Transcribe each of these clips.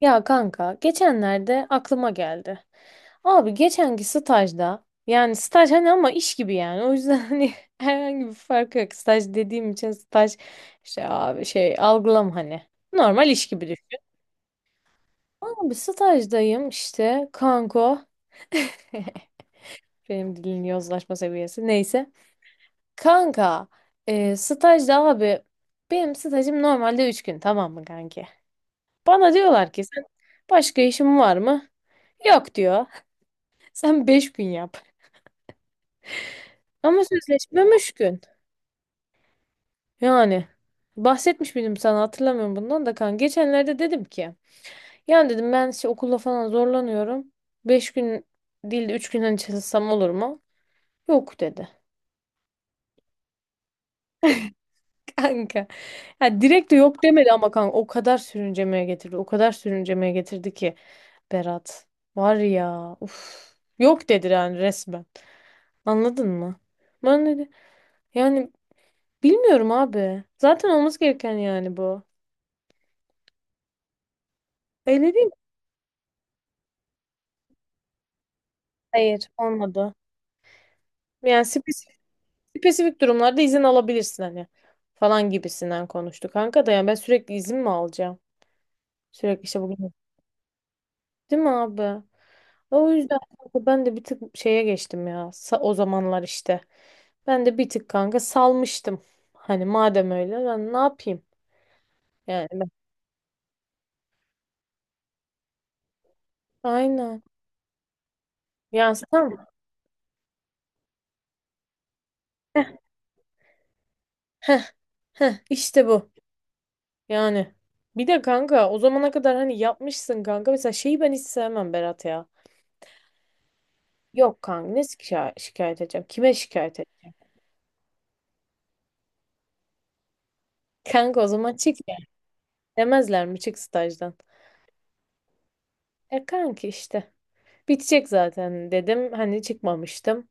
Ya kanka geçenlerde aklıma geldi. Abi geçenki stajda yani staj hani ama iş gibi yani o yüzden hani herhangi bir farkı yok. Staj dediğim için staj işte abi şey algılam hani normal iş gibi düşün. Abi stajdayım işte kanko. Benim dilin yozlaşma seviyesi neyse. Kanka stajda abi benim stajım normalde 3 gün, tamam mı kanki? Bana diyorlar ki sen başka işin var mı? Yok diyor. Sen 5 gün yap. Ama sözleşmem 3 gün. Yani bahsetmiş miydim sana hatırlamıyorum bundan da kan. Geçenlerde dedim ki yani dedim ben işte okulla falan zorlanıyorum. Beş gün değil de 3 günden çalışsam olur mu? Yok dedi. Kanka. Ya direkt de yok demedi ama kanka o kadar sürüncemeye getirdi. O kadar sürüncemeye getirdi ki Berat. Var ya. Uf. Yok dedi yani resmen. Anladın mı? Ben dedi yani bilmiyorum abi. Zaten olması gereken yani bu. Öyle değil mi? Hayır, olmadı. Yani spesifik durumlarda izin alabilirsin hani falan gibisinden konuştuk kanka da yani ben sürekli izin mi alacağım? Sürekli işte bugün, değil mi abi? O yüzden kanka ben de bir tık şeye geçtim ya o zamanlar işte. Ben de bir tık kanka salmıştım. Hani madem öyle ben ne yapayım? Yani ben- Aynen. Yani tamam. Heh, heh, işte bu. Yani bir de kanka o zamana kadar hani yapmışsın kanka. Mesela şeyi ben hiç sevmem Berat ya. Yok kanka ne şikayet edeceğim? Kime şikayet edeceğim? Kanka o zaman çık ya. Demezler mi çık stajdan? E kanki işte. Bitecek zaten dedim. Hani çıkmamıştım.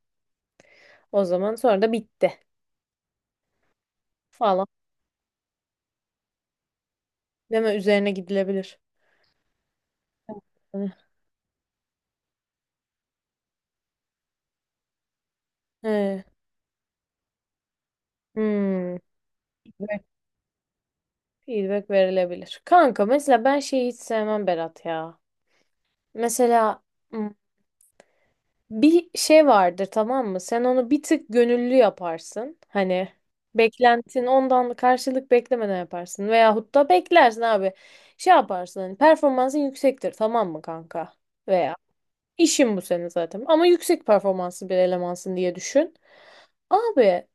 O zaman sonra da bitti falan. Deme, üzerine gidilebilir. Hani. He. Hmm. Feedback, feedback verilebilir. Kanka mesela ben şeyi hiç sevmem Berat ya. Mesela hmm, bir şey vardır, tamam mı? Sen onu bir tık gönüllü yaparsın. Hani beklentin ondan, karşılık beklemeden yaparsın. Veyahut da beklersin abi. Şey yaparsın hani, performansın yüksektir tamam mı kanka? Veya işin bu senin zaten. Ama yüksek performanslı bir elemansın diye düşün. Abi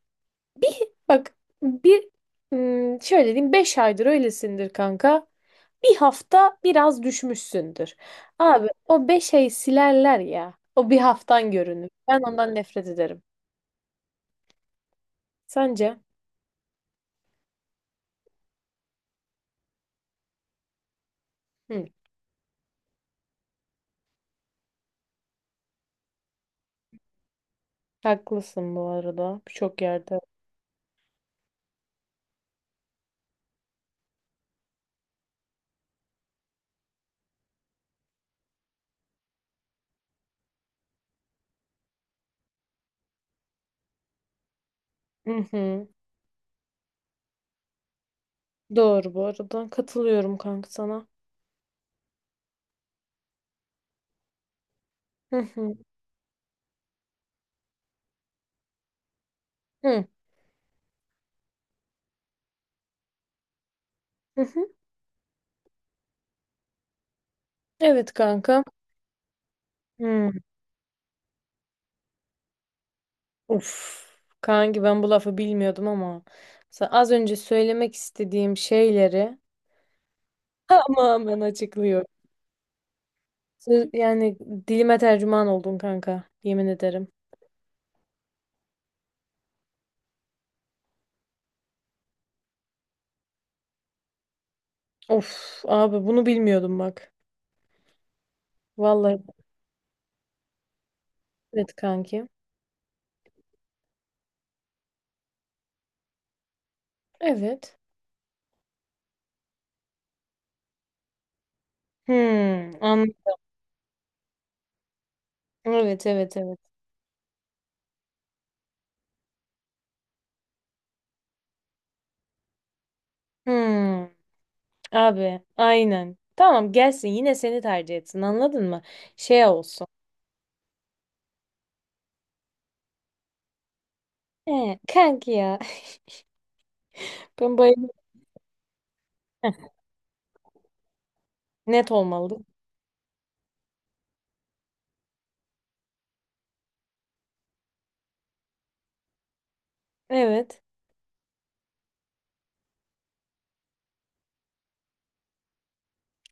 bak, bir şöyle diyeyim, 5 aydır öylesindir kanka. Bir hafta biraz düşmüşsündür. Abi o 5 ay silerler ya. O bir haftan görünür. Ben ondan nefret ederim. Sence? Hı, haklısın bu arada. Birçok yerde. Hı hı. Doğru bu arada. Katılıyorum kanka sana. Hı hı. Hı hı. Hı. Evet kanka. Hı. Uf. Kanki ben bu lafı bilmiyordum ama az önce söylemek istediğim şeyleri tamamen açıklıyor. Yani dilime tercüman oldun kanka. Yemin ederim. Of abi, bunu bilmiyordum bak. Vallahi evet kanki. Evet. Hmm, an evet evet evet. Hmm, Abi aynen. Tamam, gelsin yine seni tercih etsin, anladın mı? Şey olsun. He, kanki ya. Ben bayılıyorum. Net olmalı. Evet.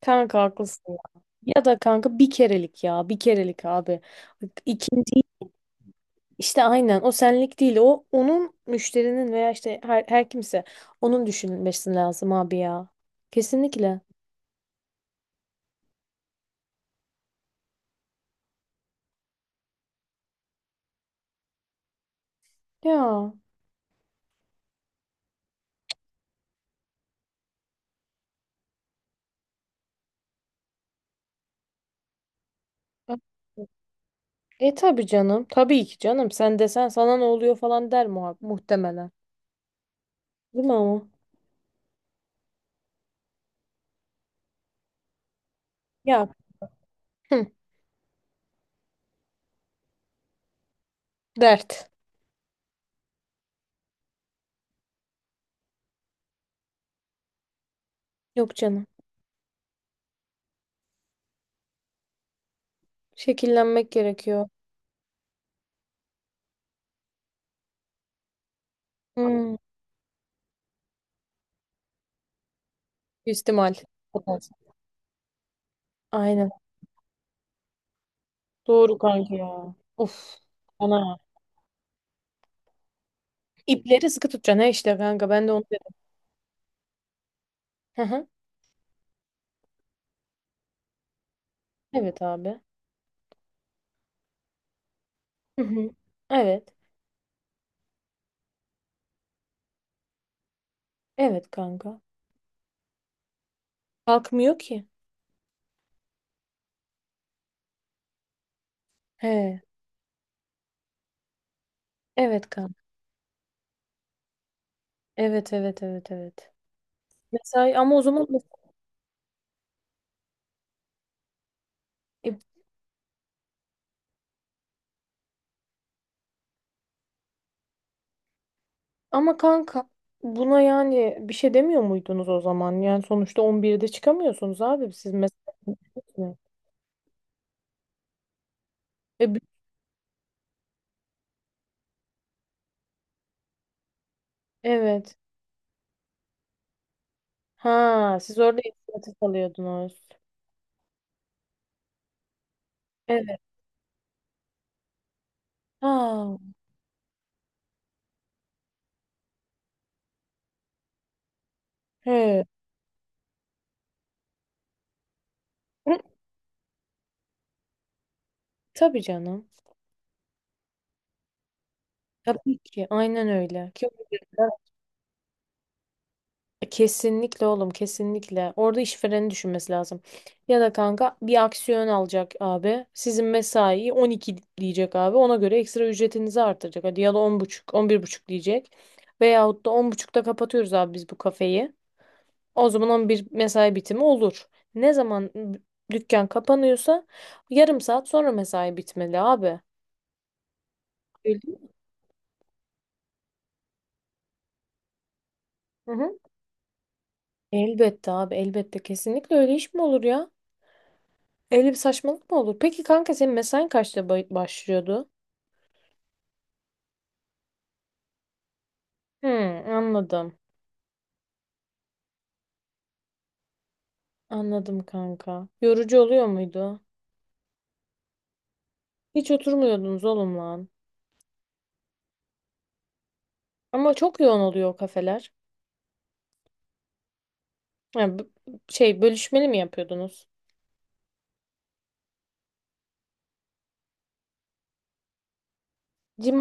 Kanka haklısın ya. Ya da kanka bir kerelik ya. Bir kerelik abi. İkinci İşte aynen, o senlik değil, o onun müşterinin veya işte her kimse onun düşünülmesi lazım abi ya. Kesinlikle. Ya. E tabii canım. Tabii ki canım. Sen desen sana ne oluyor falan der muhtemelen. Değil mi ama? Ya. Hı, dert. Yok canım. Şekillenmek gerekiyor. Hmm. İstimal. Aynen. Doğru kanka ya. Of. Ana. İpleri sıkı tutacaksın ha, işte kanka. Ben de onu dedim. Hı hı. Evet abi. Hı hı. Evet. Evet kanka. Kalkmıyor ki. He. Evet kanka. Evet, evet, evet, evet. Mesai ama o zaman. E, Ama kanka buna yani bir şey demiyor muydunuz o zaman? Yani sonuçta 11'de çıkamıyorsunuz abi siz mesela. E, bi- evet. Ha siz orada inisiyatif alıyordunuz. Evet. Ha. He. Hı, tabii canım. Tabii ki, aynen öyle. Kesinlikle oğlum, kesinlikle. Orada işvereni düşünmesi lazım. Ya da kanka bir aksiyon alacak abi. Sizin mesaiyi 12 diyecek abi. Ona göre ekstra ücretinizi artıracak. Hadi ya da 10.30, 11.30 diyecek. Veyahut da 10.30'da kapatıyoruz abi biz bu kafeyi. O zaman 11 mesai bitimi olur. Ne zaman dükkan kapanıyorsa 1/2 saat sonra mesai bitmeli abi. Öyle değil mi? Hı hı. Elbette abi, elbette, kesinlikle, öyle iş mi olur ya? Öyle bir saçmalık mı olur? Peki kanka senin mesain kaçta başlıyordu? Hmm, anladım. Anladım kanka. Yorucu oluyor muydu? Hiç oturmuyordunuz oğlum lan. Ama çok yoğun oluyor o kafeler. Yani, şey bölüşmeli mi yapıyordunuz? Cim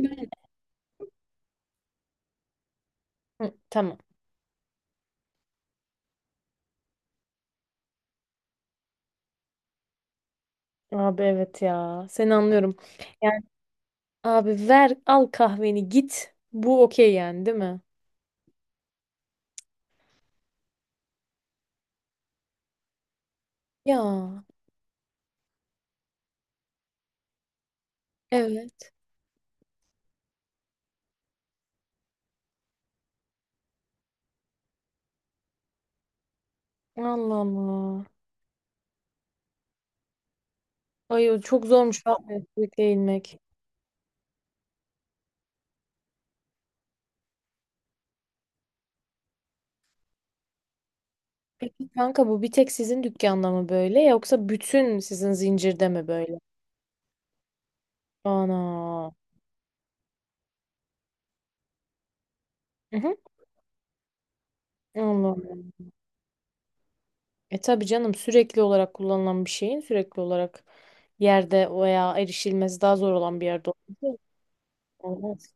Hı, tamam. Abi evet ya. Seni anlıyorum. Yani abi, ver al kahveni git. Bu okey yani, değil mi? Ya, evet. Allah Allah. Ay, o çok zormuş abi, sürekli inmek? Peki kanka, bu bir tek sizin dükkanda mı böyle yoksa bütün sizin zincirde mi böyle? Ana. Hı hı. Allah. Allah. E tabii canım, sürekli olarak kullanılan bir şeyin sürekli olarak yerde veya erişilmesi daha zor olan bir yerde olması olmaz.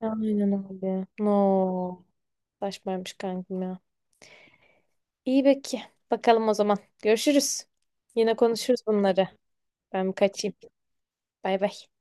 Aynen öyle. No. Saçmaymış kankim ya. İyi peki. Bakalım o zaman. Görüşürüz. Yine konuşuruz bunları. Ben kaçayım. Bay bay.